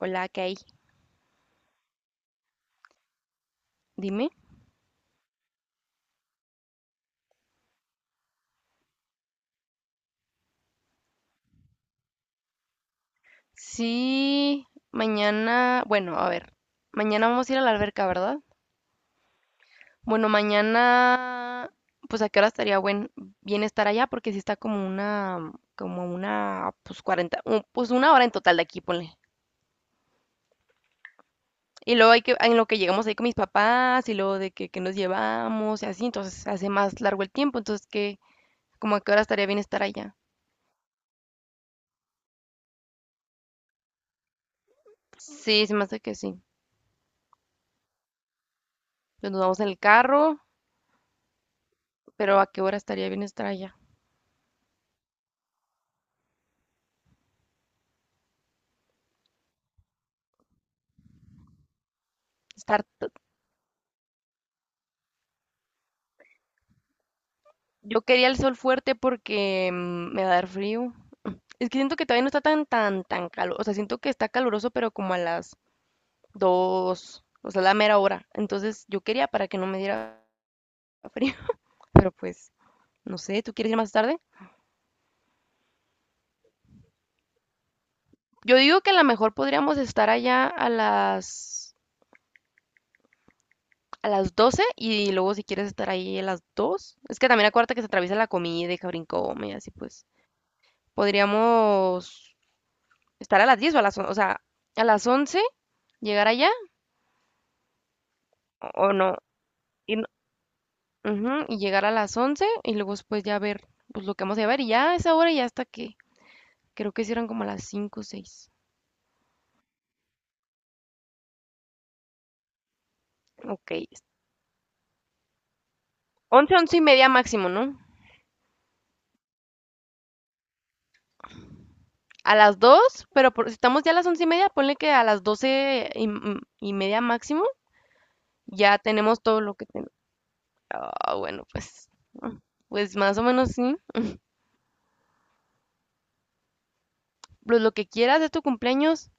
Hola, Kay, dime. Sí, mañana, bueno, a ver, mañana vamos a ir a la alberca, ¿verdad? Bueno, mañana, pues a qué hora estaría buen, bien estar allá, porque sí está como una, pues 40, un- pues una hora en total de aquí, ponle. Y luego hay que, en lo que llegamos ahí con mis papás y luego de que nos llevamos y así, entonces se hace más largo el tiempo, entonces que, como a qué hora estaría bien estar allá. Sí, se me hace que sí. Entonces nos vamos en el carro, pero a qué hora estaría bien estar allá. Estar, yo quería el sol fuerte porque me va a dar frío. Es que siento que todavía no está tan calor. O sea, siento que está caluroso, pero como a las dos, o sea, la mera hora. Entonces yo quería para que no me diera frío. Pero pues, no sé, ¿tú quieres ir más tarde? Yo digo que a lo mejor podríamos estar allá a a las 12 y luego si quieres estar ahí a las 2. Es que también acuérdate que se atraviesa la comida y Cabrín come y así pues. Podríamos estar a las 10 o a las, on- o sea, a las 11 llegar allá o no, y, no- ujú, y llegar a las 11 y luego después ya ver pues lo que vamos a llevar y ya a esa hora ya hasta que creo que hicieron como a las cinco o 6. Ok, 11 y media máximo, ¿no? A las 2 pero por- si estamos ya a las 11 y media, ponle que a las 12 y, m- y media máximo ya tenemos todo lo que tenemos. Ah, bueno, pues, ah, pues más o menos sí. Pues lo que quieras de tu cumpleaños,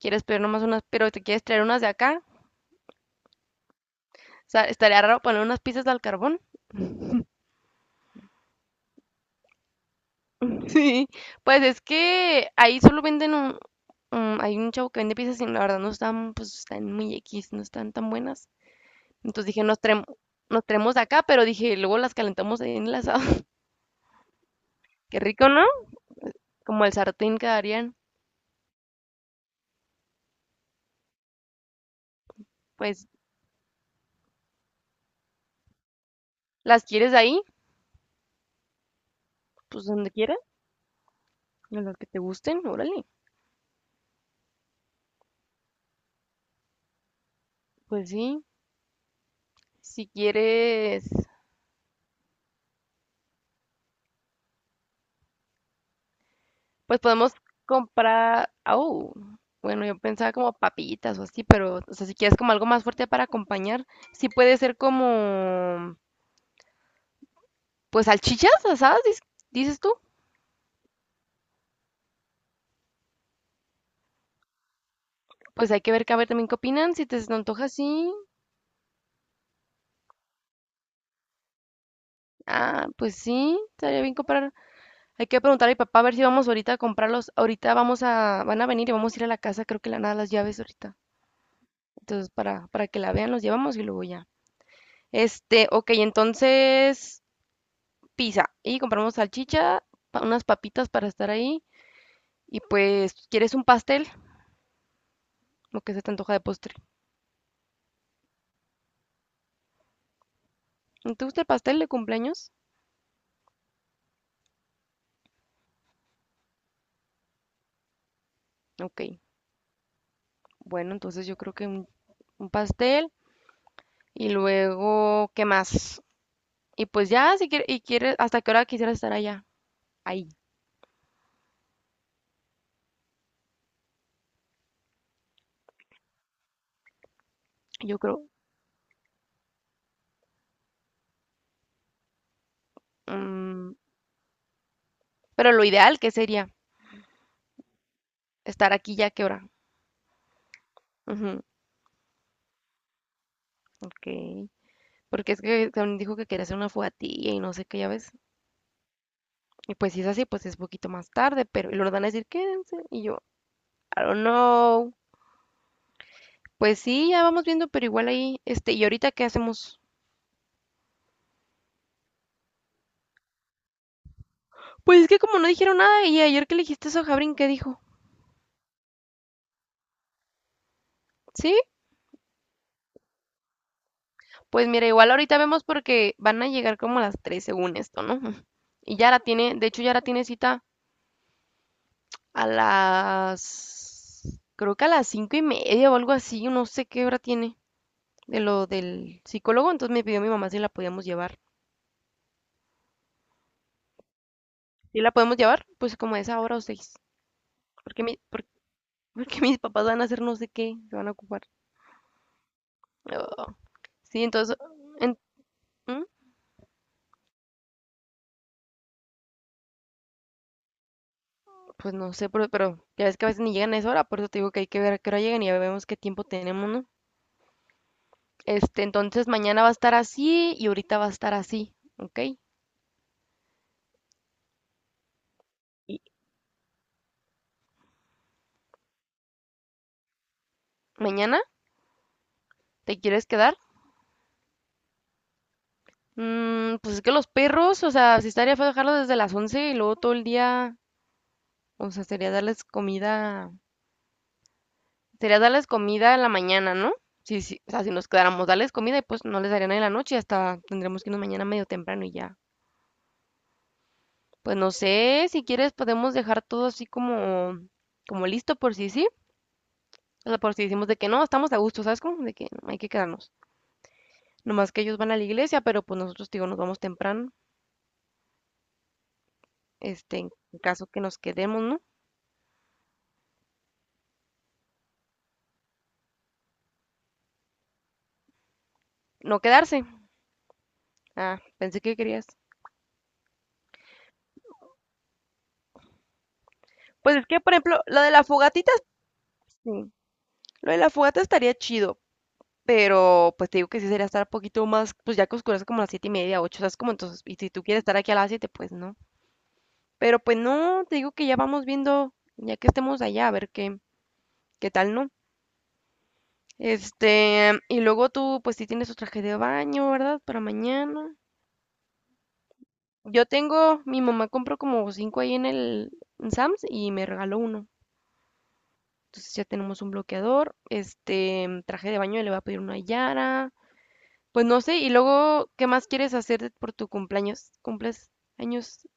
quieres pedir nomás unas, pero te quieres traer unas de acá. O sea, estaría raro poner unas pizzas al carbón. Sí, pues es que ahí solo venden un- hay un chavo que vende piezas y la verdad no están, pues están muy X, no están tan buenas. Entonces dije, nos traemos de acá, pero dije, luego las calentamos ahí en el asado. Qué rico, ¿no? Como el sartén quedarían. Pues, ¿las quieres ahí? Pues donde quieras, en las que te gusten, órale. Pues sí, si quieres. Pues podemos comprar, au, bueno, yo pensaba como papitas o así, pero, o sea, si quieres como algo más fuerte para acompañar, sí puede ser como, pues salchichas asadas, dices, dices tú. Pues hay que ver, que a ver también qué opinan, si te se te antoja así. Ah, pues sí, estaría bien comprar. Hay que preguntar a mi papá a ver si vamos ahorita a comprarlos. Ahorita vamos a, van a venir y vamos a ir a la casa, creo que le van a dar las llaves ahorita. Entonces, para que la vean, los llevamos y luego ya. Este, ok, entonces pizza y compramos salchicha, pa- unas papitas para estar ahí y pues quieres un pastel, lo que se te antoja de postre. ¿No? ¿Te gusta el pastel de cumpleaños? Ok, bueno, entonces yo creo que un pastel y luego, ¿qué más? Y pues ya, si quieres, y quieres, ¿hasta qué hora quisieras estar allá? Ahí, yo creo. Mm, pero lo ideal, ¿qué sería? Estar aquí ya, ¿qué hora? Ujú, ok. Porque es que también dijo que quería hacer una fogatilla y no sé qué, ya ves. Y pues si es así, pues es poquito más tarde, pero y luego van a decir, quédense. Y yo, I don't know. Pues sí, ya vamos viendo, pero igual ahí, este, ¿y ahorita qué hacemos? Pues es que como no dijeron nada, y ayer que le dijiste eso a Jabrin, ¿qué dijo? ¿Sí? Pues mira, igual ahorita vemos porque van a llegar como a las 3 según esto, ¿no? Y ya la tiene, de hecho ya la tiene cita a las, creo que a las cinco y media o algo así, no sé qué hora tiene de lo del psicólogo, entonces me pidió mi mamá si la podíamos llevar. ¿Y la podemos llevar? Pues como a esa hora o seis. Porque, mi, por- porque mis papás van a hacer no sé qué, se van a ocupar. Ah, sí, entonces, en- ¿mm? Pues no sé, pero ya ves que a veces ni llegan a esa hora, por eso te digo que hay que ver a qué hora llegan y ya vemos qué tiempo tenemos, ¿no? Este, entonces mañana va a estar así y ahorita va a estar así, ¿ok? ¿Y mañana te quieres quedar? Mm, pues es que los perros, o sea, si estaría fue dejarlos desde las 11 y luego todo el día, o sea, sería darles comida en la mañana, ¿no? Sí, sí, o sea, si nos quedáramos, darles comida y pues no les darían en la noche, hasta tendremos que irnos mañana medio temprano y ya. Pues no sé, si quieres podemos dejar todo así como, como listo por si sí. O sea, por si decimos de que no, estamos a gusto, ¿sabes cómo? De que no, hay que quedarnos. Nomás que ellos van a la iglesia, pero pues nosotros, digo, nos vamos temprano, este, en caso que nos quedemos, ¿no? No quedarse. Ah, pensé que querías. Pues es que, por ejemplo, lo de la fogatita, sí. Lo de la fogata estaría chido. Pero pues te digo que sí sería estar un poquito más, pues ya que oscurece como a las siete y media, ocho, ¿sabes? Como entonces, y si tú quieres estar aquí a las siete, pues no. Pero pues no, te digo que ya vamos viendo, ya que estemos allá, a ver qué, qué tal, ¿no? Este, y luego tú, pues sí tienes tu traje de baño, ¿verdad? Para mañana. Yo tengo, mi mamá compró como cinco ahí en el en Sam's y me regaló uno. Entonces ya tenemos un bloqueador, este, traje de baño le voy a pedir una Yara. Pues no sé, y luego, ¿qué más quieres hacer de- por tu cumpleaños? Cumples años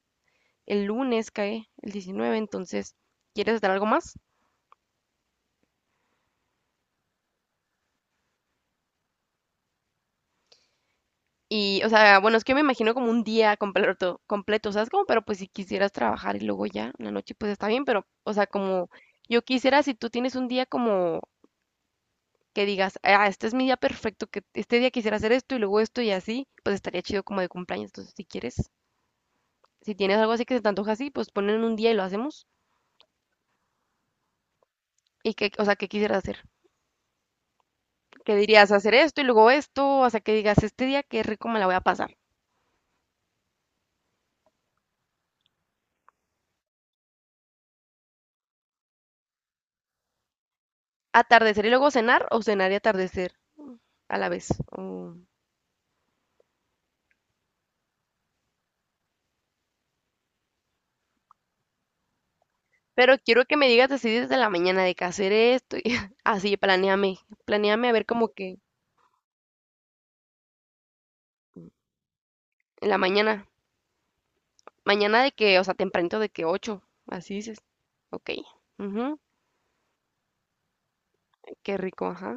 el lunes, cae el 19, entonces, ¿quieres hacer algo más? Y, o sea, bueno, es que me imagino como un día completo, completo, ¿sabes? Como, pero pues si quisieras trabajar y luego ya en la noche, pues está bien, pero, o sea, como yo quisiera, si tú tienes un día como que digas, ah, este es mi día perfecto, que este día quisiera hacer esto y luego esto y así, pues estaría chido como de cumpleaños. Entonces, si quieres, si tienes algo así que se te antoja así, pues ponen un día y lo hacemos. Y que, o sea, ¿qué quisieras hacer? Que dirías hacer esto y luego esto, hasta que digas, este día qué rico me la voy a pasar. Atardecer y luego cenar o cenar y atardecer a la vez. Oh. Pero quiero que me digas así desde la mañana de que hacer esto y así, planeame a ver como que en la mañana, mañana de que, o sea, tempranito de que 8, así dices. Ok, ujú, qué rico, ajá.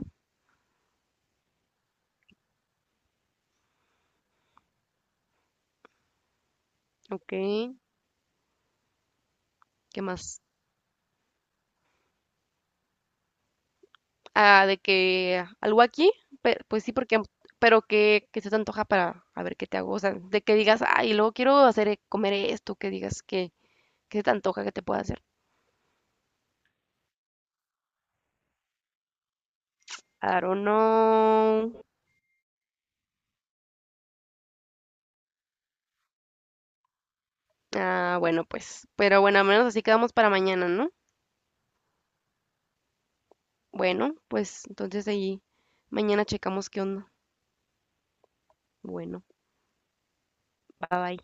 Ok, ¿qué más? Ah, de que algo aquí, pe- pues sí, porque, pero que se te antoja para a ver qué te hago, o sea, de que digas, ay, luego quiero hacer e- comer esto, que digas que se te antoja que te pueda hacer. I don't know. Ah, bueno, pues, pero bueno, al menos así quedamos para mañana, ¿no? Bueno, pues entonces ahí mañana checamos qué onda. Bueno, bye bye.